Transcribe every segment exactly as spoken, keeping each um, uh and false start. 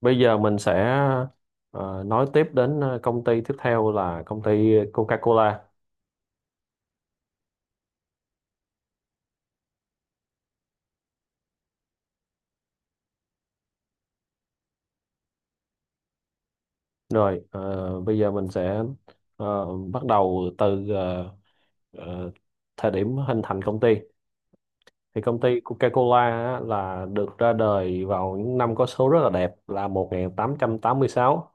Bây giờ mình sẽ ờ, nói tiếp đến ờ, công ty tiếp theo là công ty Coca-Cola. Rồi, ờ, bây giờ mình sẽ ờ, bắt đầu từ ờ, ờ, thời điểm hình thành công ty. Thì công ty Coca-Cola á, là được ra đời vào những năm có số rất là đẹp là một nghìn tám tám trăm tám mươi sáu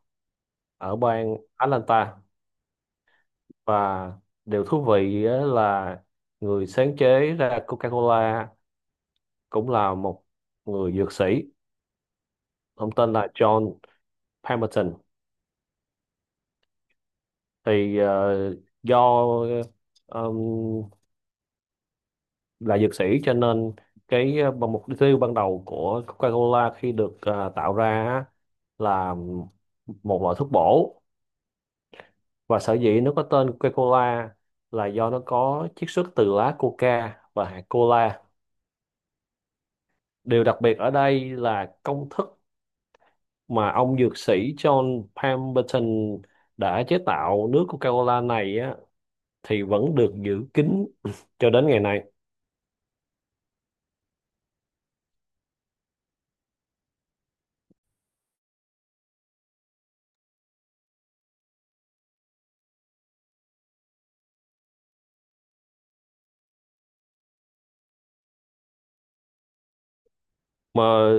ở bang Atlanta. Và điều thú vị á là người sáng chế ra Coca-Cola cũng là một người dược sĩ. Ông tên là John Palmerton. Thì ờ, do ờ, là dược sĩ, cho nên cái ờ, mục tiêu ban đầu của Coca-Cola khi được ờ, tạo ra á, là một loại thuốc bổ, và sở dĩ nó có tên Coca-Cola là do nó có chiết xuất từ lá coca và hạt cola. Điều đặc biệt ở đây là công thức mà ông dược sĩ John Pemberton đã chế tạo nước Coca-Cola này á, thì vẫn được giữ kín cho đến ngày nay. Mà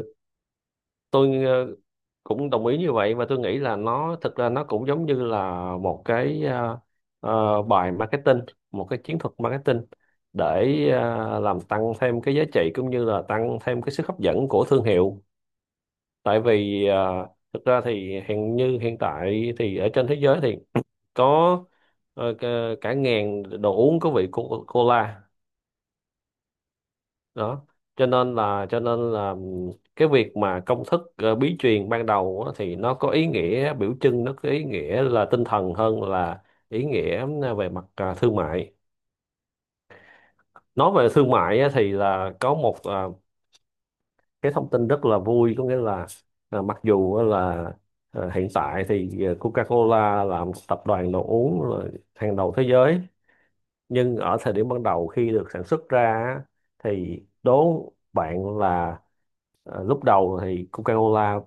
tôi ờ, cũng đồng ý như vậy, và tôi nghĩ là nó thực ra nó cũng giống như là một cái ờ, ờ, bài marketing, một cái chiến thuật marketing để ờ, làm tăng thêm cái giá trị cũng như là tăng thêm cái sức hấp dẫn của thương hiệu. Tại vì ờ, thực ra thì hiện như hiện tại thì ở trên thế giới thì có ờ, cả cả ngàn đồ uống có vị co- cola đó. Cho nên là cho nên là cái việc mà công thức ờ, bí truyền ban đầu á, thì nó có ý nghĩa biểu trưng, nó có ý nghĩa là tinh thần hơn là ý nghĩa về mặt à, thương mại. Nói về thương mại á, thì là có một à, cái thông tin rất là vui, có nghĩa là à, mặc dù á là à, hiện tại thì ờ, Coca-Cola là một tập đoàn đồ uống là hàng đầu thế giới, nhưng ở thời điểm ban đầu khi được sản xuất ra á, thì đố bạn là Ờ, lúc đầu thì Coca-Cola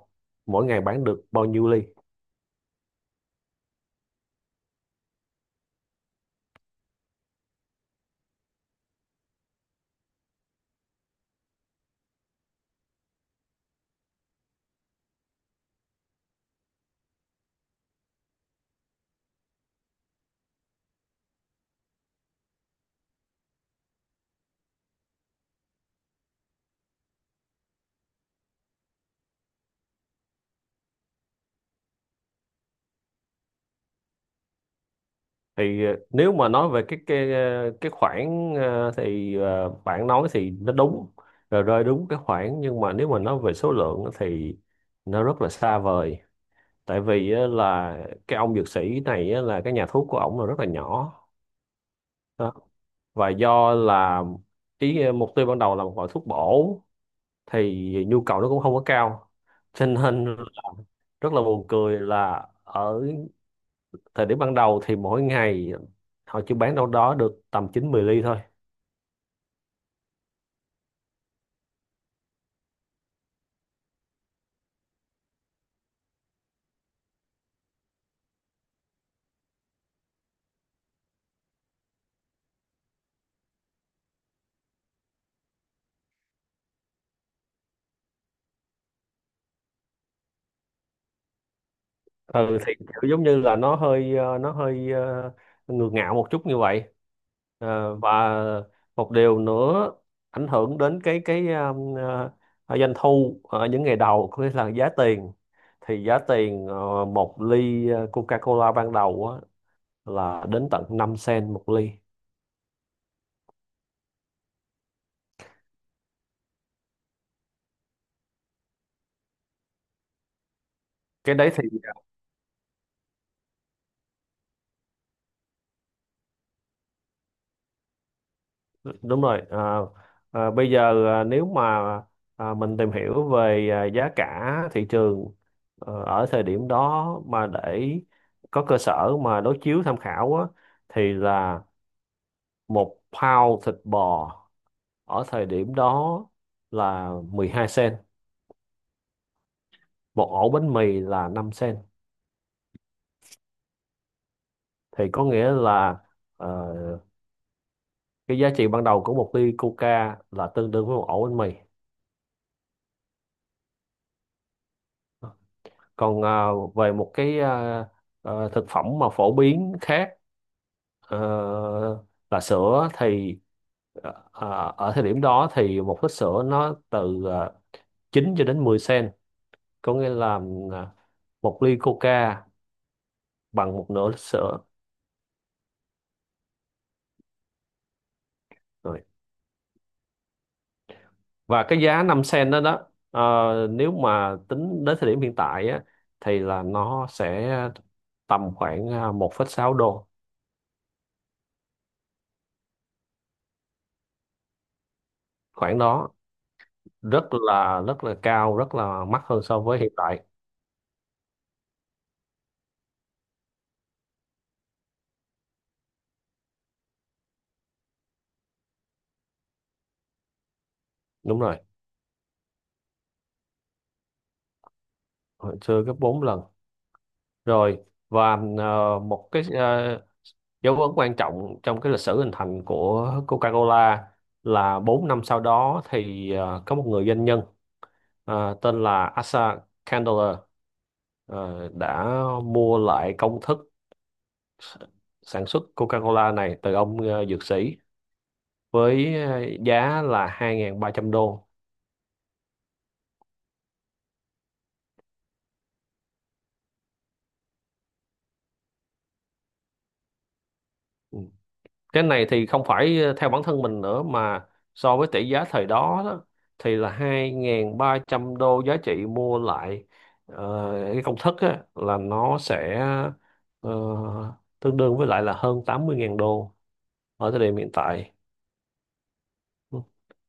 mỗi ngày bán được bao nhiêu ly? Thì ờ, nếu mà nói về cái cái ờ, cái khoản ờ, thì ờ, bạn nói thì nó đúng rồi rơi đúng cái khoản, nhưng mà nếu mà nói về số lượng á thì nó rất là xa vời. Tại vì á là cái ông dược sĩ này á là cái nhà thuốc của ổng là rất là nhỏ đó. Và do là ý ờ, mục tiêu ban đầu là một loại thuốc bổ thì nhu cầu nó cũng không có cao. Cho nên rất là buồn cười là ở thời điểm ban đầu thì mỗi ngày họ chỉ bán đâu đó được tầm chín mười ly thôi. Ừ thì kiểu giống như là nó hơi ờ, nó hơi ờ, ngược ngạo một chút như vậy. Ờ, và một điều nữa ảnh hưởng đến cái cái um, ờ, ờ, doanh thu ở những ngày đầu, có nghĩa là giá tiền. Thì giá tiền ờ, một ly ờ, Coca-Cola ban đầu á, là đến tận năm sen một ly. Cái đấy thì đúng rồi. À, à, bây giờ à, nếu mà à, mình tìm hiểu về à, giá cả thị trường ờ, ở thời điểm đó, mà để có cơ sở mà đối chiếu tham khảo á, thì là một pound thịt bò ở thời điểm đó là mười hai sen, một ổ bánh mì là năm sen, thì có nghĩa là ờ, cái giá trị ban đầu của một ly coca là tương đương với một ổ bánh mì. Còn à, về một cái à, à, thực phẩm mà phổ biến khác ờ, là sữa, thì ờ, ờ, ở thời điểm đó thì một lít sữa nó từ à, chín cho đến mười sen, có nghĩa là à, một ly coca bằng một nửa lít sữa rồi. Và cái giá năm sen đó đó ờ, nếu mà tính đến thời điểm hiện tại á, thì là nó sẽ tầm khoảng à, một phẩy sáu đô, khoảng đó, rất là rất là cao, rất là mắc hơn so với hiện tại, đúng rồi, hồi xưa gấp bốn lần rồi. Và ờ, một cái ờ, dấu ấn quan trọng trong cái lịch sử hình thành của Coca-Cola là bốn năm sau đó, thì ờ, có một người doanh nhân ờ, tên là Asa Candler, ờ, đã mua lại công thức s- sản xuất Coca-Cola này từ ông ờ, dược sĩ với ờ, giá là hai nghìn ba trăm đô. Ừ. Cái này thì không phải ờ, theo bản thân mình nữa, mà so với tỷ giá thời đó, đó thì là hai ngàn ba trăm đô giá trị mua lại ờ, cái công thức á, là nó sẽ ờ, tương đương với lại là hơn tám mươi ngàn đô ở thời điểm hiện tại.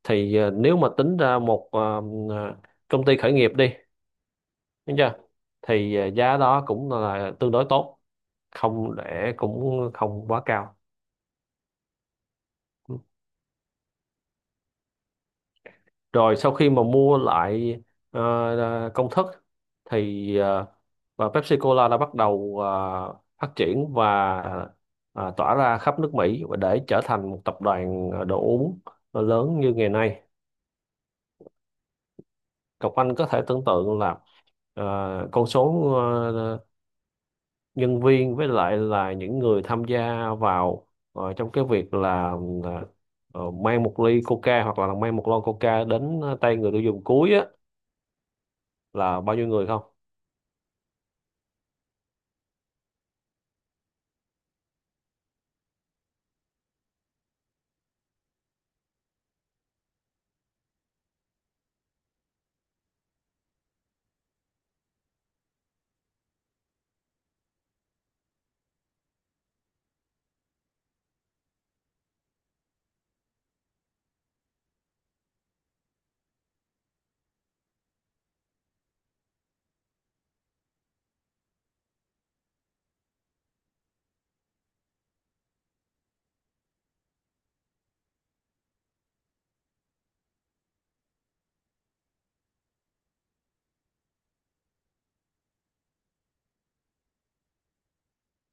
Thì ờ, nếu mà tính ra một ờ, ờ, công ty khởi nghiệp đi, đúng chưa, thì ờ, giá đó cũng là tương đối tốt, không để cũng không quá cao. Rồi sau khi mà mua lại ờ, ờ, công thức thì ờ, và Pepsi Cola đã bắt đầu ờ, phát triển và ờ, tỏa ra khắp nước Mỹ và để trở thành một tập đoàn ờ, đồ uống ờ, lớn như ngày nay. Cậu Anh có thể tưởng tượng là ờ, con số ờ, nhân viên với lại là những người tham gia vào ờ, trong cái việc là ờ, ờ, mang một ly Coca hoặc là mang một lon Coca đến ờ, tay người tiêu dùng cuối á, là bao nhiêu người không?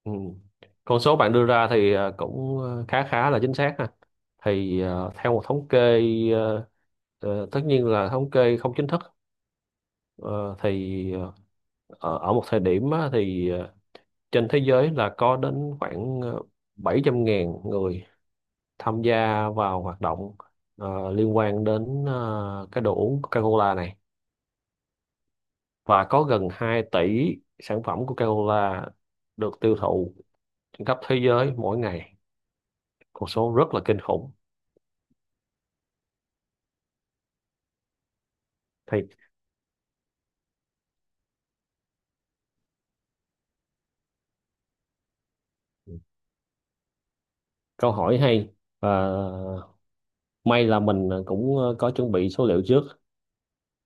Ừ. Con số bạn đưa ra thì ờ, cũng ờ, khá khá là chính xác ha. Thì ờ, theo một thống kê ờ, ờ, tất nhiên là thống kê không chính thức, ờ, thì ờ, ở ở một thời điểm á, thì ờ, trên thế giới là có đến khoảng ờ, bảy trăm ngàn người tham gia vào hoạt động ờ, liên quan đến ờ, cái đồ uống Coca-Cola này, và có gần hai tỷ sản phẩm Coca-Cola được tiêu thụ trên khắp thế giới mỗi ngày, con số rất là kinh khủng. Thì câu hỏi hay, và may là mình ờ, cũng ờ, có chuẩn bị số liệu trước.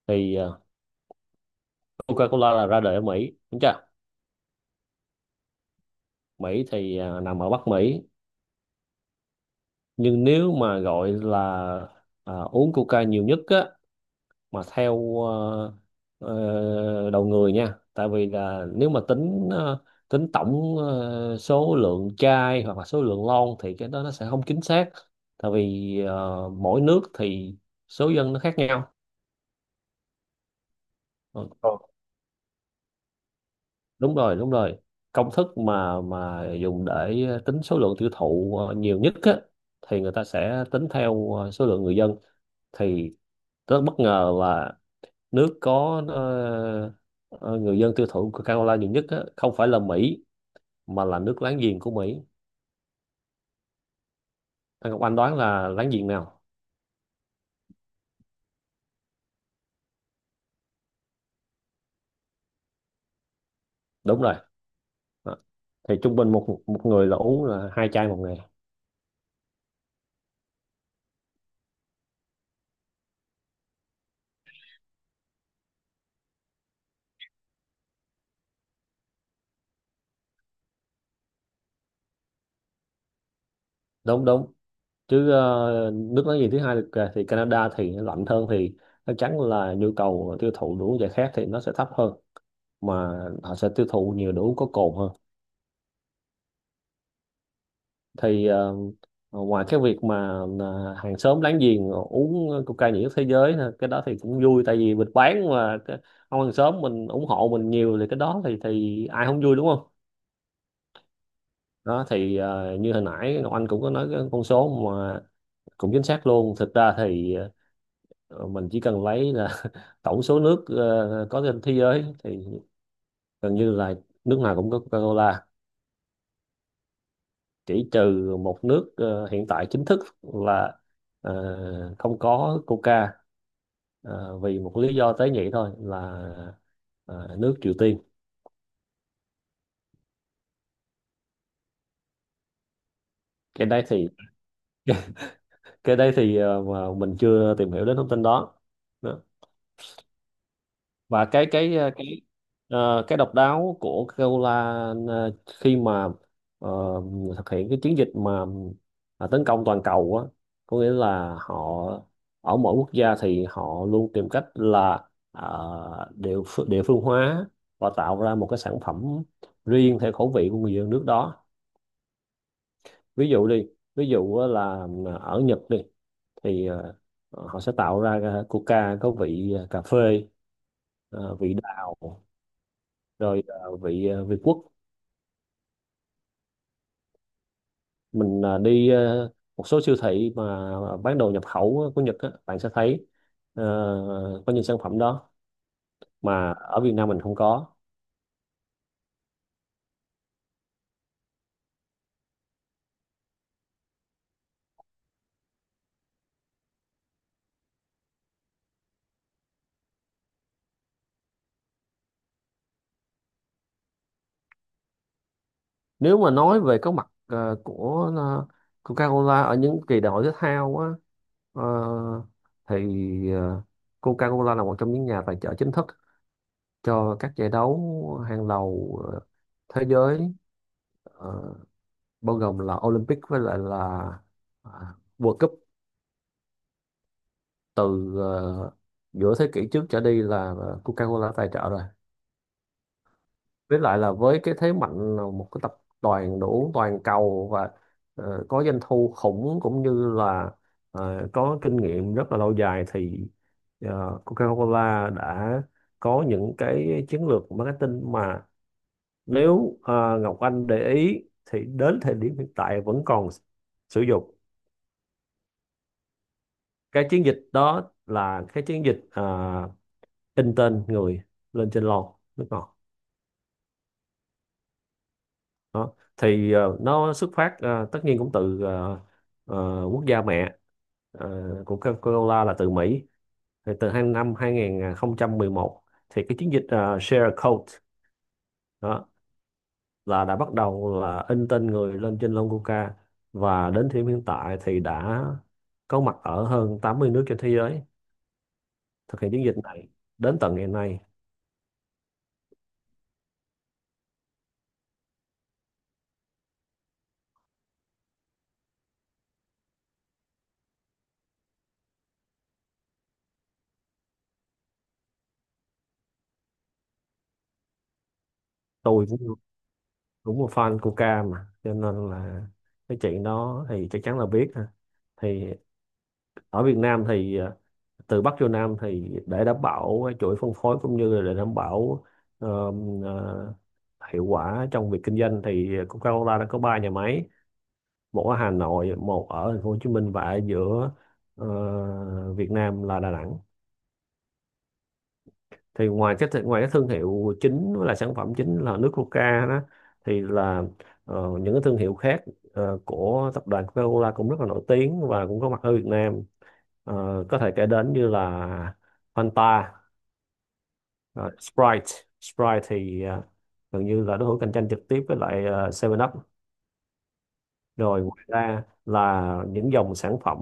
Thì ờ, Coca-Cola là ra đời ở Mỹ, đúng chưa? Mỹ thì ờ, nằm ở Bắc Mỹ, nhưng nếu mà gọi là ờ, uống Coca nhiều nhất á, mà theo ờ, ờ, đầu người nha, tại vì là nếu mà tính ờ, tính tổng ờ, số lượng chai hoặc là số lượng lon thì cái đó nó sẽ không chính xác, tại vì ờ, mỗi nước thì số dân nó khác nhau. Ờ, đúng rồi, đúng rồi. Công thức mà mà dùng để tính số lượng tiêu thụ ờ, nhiều nhất á, thì người ta sẽ tính theo ờ, số lượng người dân. Thì rất bất ngờ là nước có ờ, ờ, người dân tiêu thụ Coca-Cola nhiều nhất á, không phải là Mỹ mà là nước láng giềng của Mỹ. Anh Ngọc Anh đoán là láng giềng nào? Đúng rồi. Đó. Thì trung bình một một người là uống là hai chai một ngày, đúng đúng. Chứ ờ, nước láng giềng thứ hai thì, thì Canada thì nó lạnh hơn, thì chắc chắn là nhu cầu tiêu thụ đồ uống giải khát thì nó sẽ thấp hơn, mà họ sẽ tiêu thụ nhiều đồ uống có cồn hơn. Thì ờ, ngoài cái việc mà ờ, hàng xóm láng giềng uống coca nhiều nhất thế giới ha, cái đó thì cũng vui, tại vì mình bán mà cái- ông hàng xóm mình ủng hộ mình nhiều thì cái đó thì thì ai không vui, đúng không? Đó, thì ờ, như hồi nãy Ngọc Anh cũng có nói cái con số mà cũng chính xác luôn. Thực ra thì ờ, mình chỉ cần lấy là tổng số nước ờ, có trên thế giới thì gần như là nước nào cũng có Coca-Cola, chỉ trừ một nước ờ, hiện tại chính thức là ờ, không có Coca, ờ, vì một lý do tế nhị thôi là ờ, nước Triều Tiên. Cái đây thì cái đây thì ờ, mà mình chưa tìm hiểu đến thông tin đó. Và cái cái ờ, cái ờ, cái độc đáo của Coca-Cola ờ, khi mà ờ, thực hiện cái chiến dịch mà ờ, tấn công toàn cầu á, có nghĩa là họ ở mỗi quốc gia thì họ luôn tìm cách là ờ, địa ph- địa phương hóa và tạo ra một cái sản phẩm riêng theo khẩu vị của người dân nước đó. Ví dụ đi, ví dụ á là ờ, ở Nhật đi, thì ờ, họ sẽ tạo ra ờ, Coca có vị ờ, cà phê, ờ, vị đào, rồi ờ, vị ờ, Việt Quốc. Mình ờ, đi ờ, một số siêu thị mà bán đồ nhập khẩu của Nhật á, bạn sẽ thấy ờ, có những sản phẩm đó mà ở Việt Nam mình không có. Nếu mà nói về cái mặt ờ, của ờ, Coca-Cola ở những kỳ đại hội thể thao á, ờ, thì ờ, Coca-Cola là một trong những nhà tài trợ chính thức cho các giải đấu hàng đầu ờ, thế giới, ờ, bao gồm là Olympic với lại là à, World Cup. Từ ờ, giữa thế kỷ trước trở đi là Coca-Cola tài trợ rồi. Với lại là với cái thế mạnh là một cái tập đoàn đồ uống toàn cầu và ờ, có doanh thu khủng, cũng như là ờ, có kinh nghiệm rất là lâu dài, thì ờ, Coca-Cola đã có những cái chiến lược marketing mà nếu ờ, Ngọc Anh để ý thì đến thời điểm hiện tại vẫn còn sử dụng. Cái chiến dịch đó là cái chiến dịch ờ, in tên người lên trên lon nước ngọt. Đó thì ờ, nó xuất phát, ờ, tất nhiên cũng từ ờ, ờ, quốc gia mẹ ờ, của Coca-Cola là từ Mỹ. Thì từ hai năm hai không một một, thì cái chiến dịch ờ, Share a Coke đó là đã bắt đầu là in tên người lên trên lon Coca, và đến thời điểm hiện tại thì đã có mặt ở hơn tám mươi nước trên thế giới, thực hiện chiến dịch này đến tận ngày nay. Tôi cũng đúng một fan Coca mà, cho nên là cái chuyện đó thì chắc chắn là biết ha. Thì ở Việt Nam thì ờ, từ Bắc vô Nam, thì để đảm bảo cái chuỗi phân phối cũng như là để đảm bảo ờm, ờ, hiệu quả trong việc kinh doanh, thì Coca-Cola đã có ba nhà máy: một ở Hà Nội, một ở thành phố Hồ Chí Minh, và ở giữa ờ, Việt Nam là Đà Nẵng. Thì ngoài cái th- ngoài cái thương hiệu chính với là sản phẩm chính là nước Coca đó, thì là ờ, những cái thương hiệu khác ờ, của tập đoàn Coca-Cola cũng rất là nổi tiếng và cũng có mặt ở Việt Nam. Ờ, có thể kể đến như là Fanta, ờ, Sprite Sprite thì ờ, gần như là đối thủ cạnh tranh trực tiếp với lại uh, seven up Up. Rồi ngoài ra là những dòng sản phẩm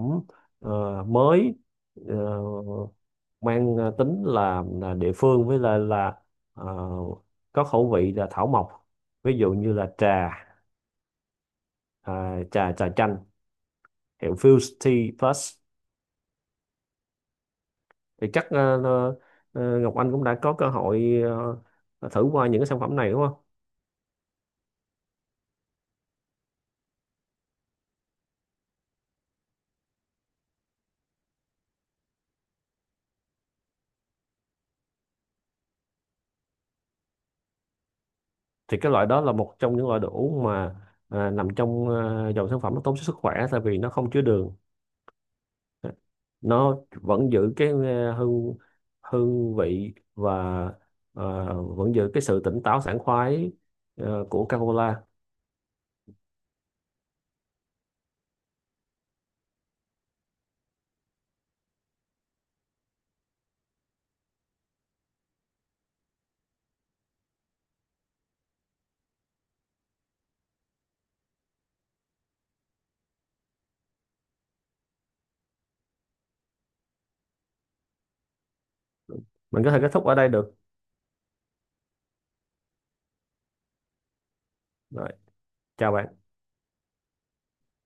ờ, mới, ờ, mang ờ, tính là, là địa phương, với lại là ờ, có khẩu vị là thảo mộc, ví dụ như là trà à, trà trà chanh hiệu Fuse Tea Plus. Thì chắc ờ, ờ, ờ, Ngọc Anh cũng đã có cơ hội ờ, thử qua những cái sản phẩm này đúng không? Thì cái loại đó là một trong những loại đồ uống mà ờ, nằm trong ờ, dòng sản phẩm nó tốt cho sức khỏe, tại vì nó không chứa đường, nó vẫn giữ cái ờ, hương hương vị, và ờ, vẫn giữ cái sự tỉnh táo sảng khoái ờ, của Coca-Cola. Mình có thể kết thúc ở đây được rồi. Chào bạn.